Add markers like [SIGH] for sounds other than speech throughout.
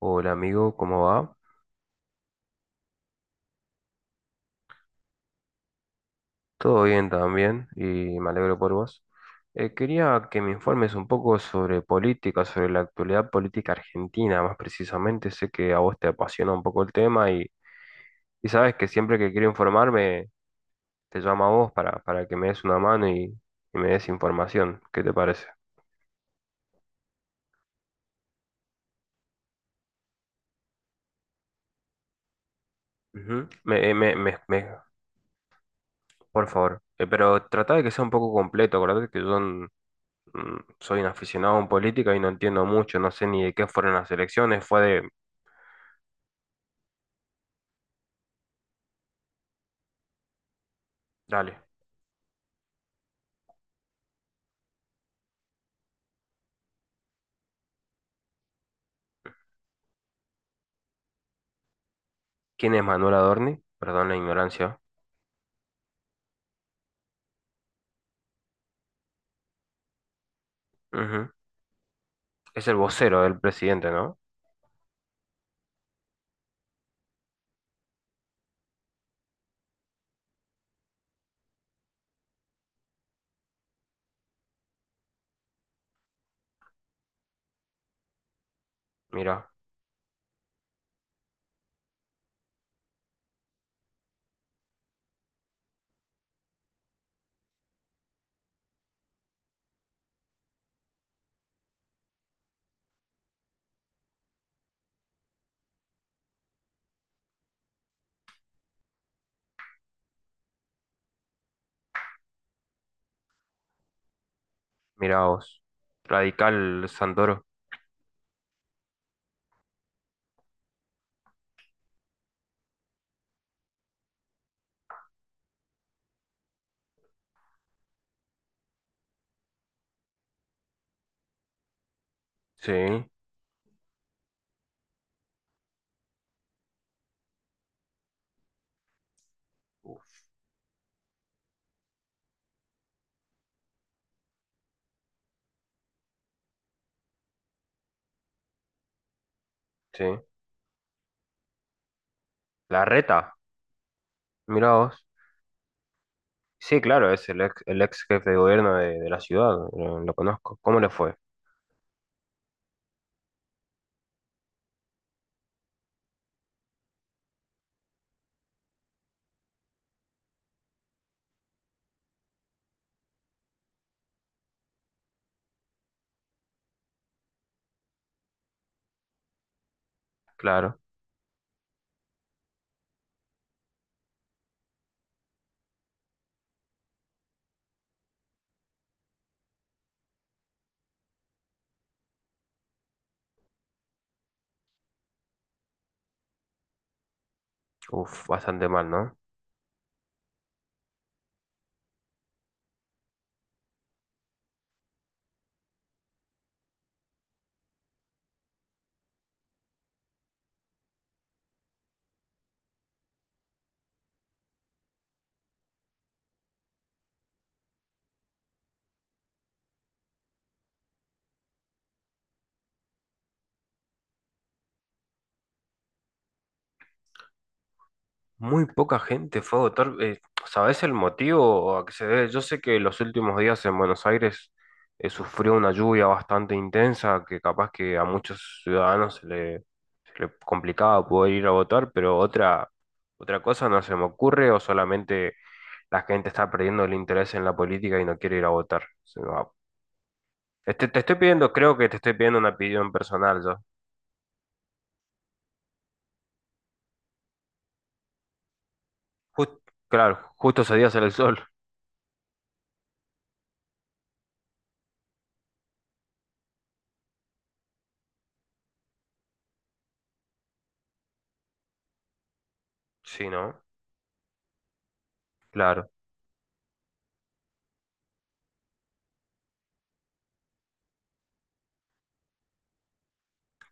Hola amigo, ¿cómo va? Todo bien también y me alegro por vos. Quería que me informes un poco sobre política, sobre la actualidad política argentina, más precisamente. Sé que a vos te apasiona un poco el tema y sabes que siempre que quiero informarme te llamo a vos para que me des una mano y me des información. ¿Qué te parece? Ujú. Por favor. Pero trata de que sea un poco completo. Acordate que yo soy un aficionado en política y no entiendo mucho, no sé ni de qué fueron las elecciones, fue de, dale, ¿quién es Manuel Adorni? Perdón la ignorancia. Ujú. Es el vocero del presidente, ¿no? Mira, mira vos. Radical Santoro. Sí. Uf. Sí. La reta, mira vos. Sí, claro, es el ex jefe de gobierno de la ciudad, lo conozco. ¿Cómo le fue? Claro. Uf, bastante mal, ¿no? Muy poca gente fue a votar. ¿Sabés el motivo a que se debe? Yo sé que los últimos días en Buenos Aires sufrió una lluvia bastante intensa que capaz que a muchos ciudadanos se le complicaba poder ir a votar, pero otra, otra cosa no se me ocurre o solamente la gente está perdiendo el interés en la política y no quiere ir a votar. Se me va. Este, te estoy pidiendo, creo que te estoy pidiendo una opinión personal yo. Jus- claro, justo ese día sale el sol. Sí, ¿no? Claro.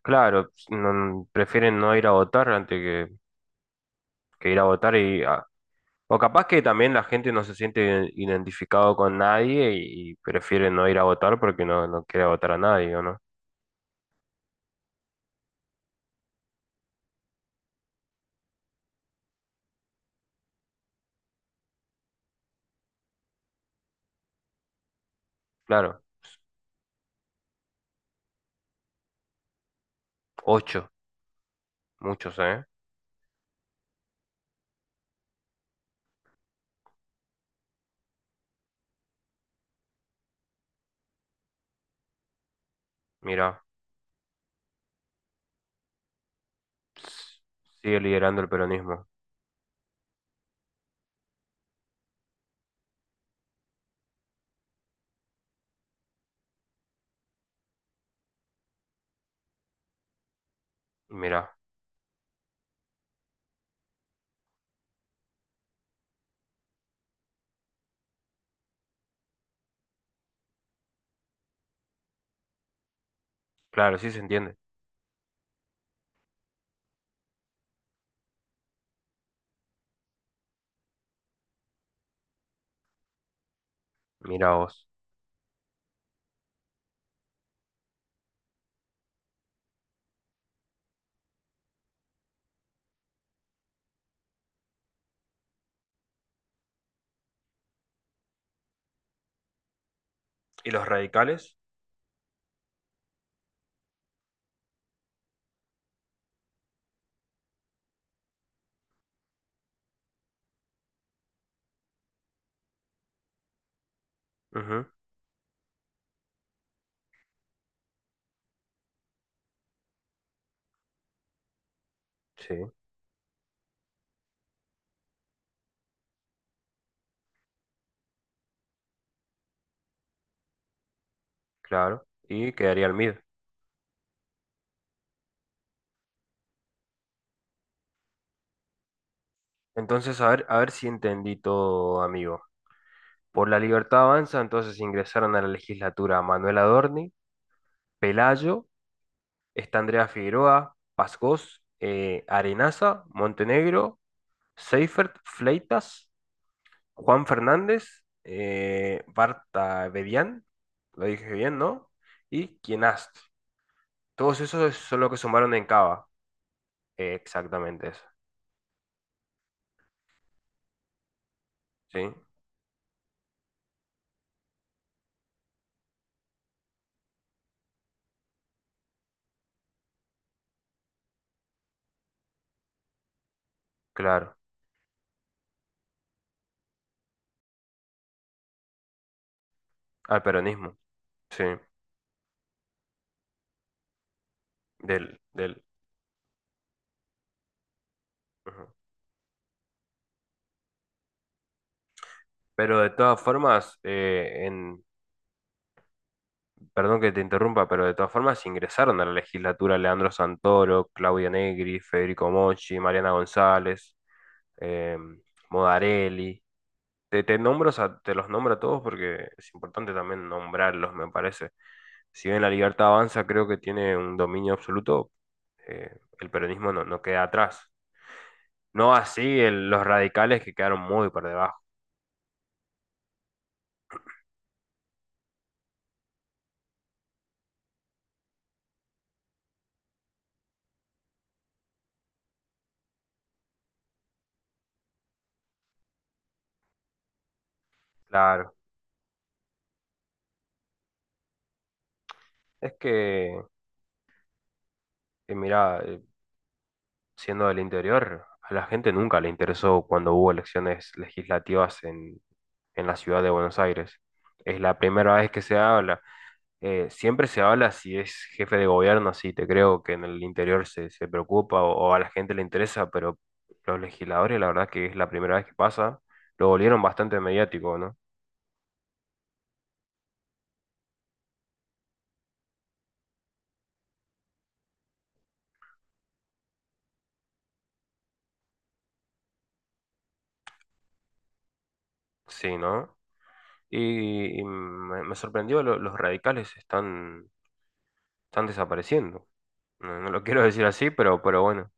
Claro, no- prefieren no ir a votar antes que ir a votar y ah, o capaz que también la gente no se siente iden- identificado con nadie y, y prefiere no ir a votar porque no, no quiere votar a nadie, ¿o no? Claro, ocho, muchos, ¿eh? Mira, sigue liderando el peronismo. Mira, claro, sí se entiende. Mira vos. ¿Y los radicales? Ujú, sí, claro. Y quedaría el MID. Entonces, a ver si entendí todo, amigo. Por la Libertad Avanza, entonces ingresaron a la legislatura Manuel Adorni, Pelayo, está Andrea Figueroa, Pascós, Arenaza, Montenegro, Seifert, Fleitas, Juan Fernández, Barta Bedián, lo dije bien, ¿no? Y Quienast. Todos esos son los que sumaron en Cava. Exactamente eso, ¿sí? Claro, al peronismo, sí, del, del. Ujú. Pero de todas formas, en, perdón que te interrumpa, pero de todas formas ingresaron a la legislatura Leandro Santoro, Claudia Negri, Federico Mochi, Mariana González, eh, Modarelli. Te nombro, o sea, te los nombro a todos porque es importante también nombrarlos, me parece. Si bien la libertad avanza, creo que tiene un dominio absoluto, el peronismo no, no queda atrás. No así el- los radicales que quedaron muy por debajo. Claro. Es que, mirá, siendo del interior, a la gente nunca le interesó cuando hubo elecciones legislativas en la ciudad de Buenos Aires. Es la primera vez que se habla. Siempre se habla si es jefe de gobierno, sí, te creo que en el interior se, se preocupa o a la gente le interesa, pero los legisladores, la verdad que es la primera vez que pasa, lo volvieron bastante mediático, ¿no? Sí, ¿no? Y me, me sorprendió, lo- los radicales están, están desapareciendo. No, no lo [LAUGHS] quiero decir así, pero bueno.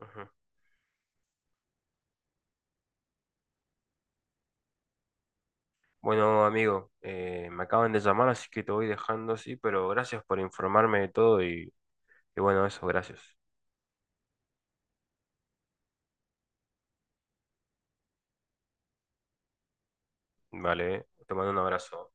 Ujú. Bueno, amigo, me acaban de llamar, así que te voy dejando así, pero gracias por informarme de todo y bueno, eso, gracias. Vale, te mando un abrazo.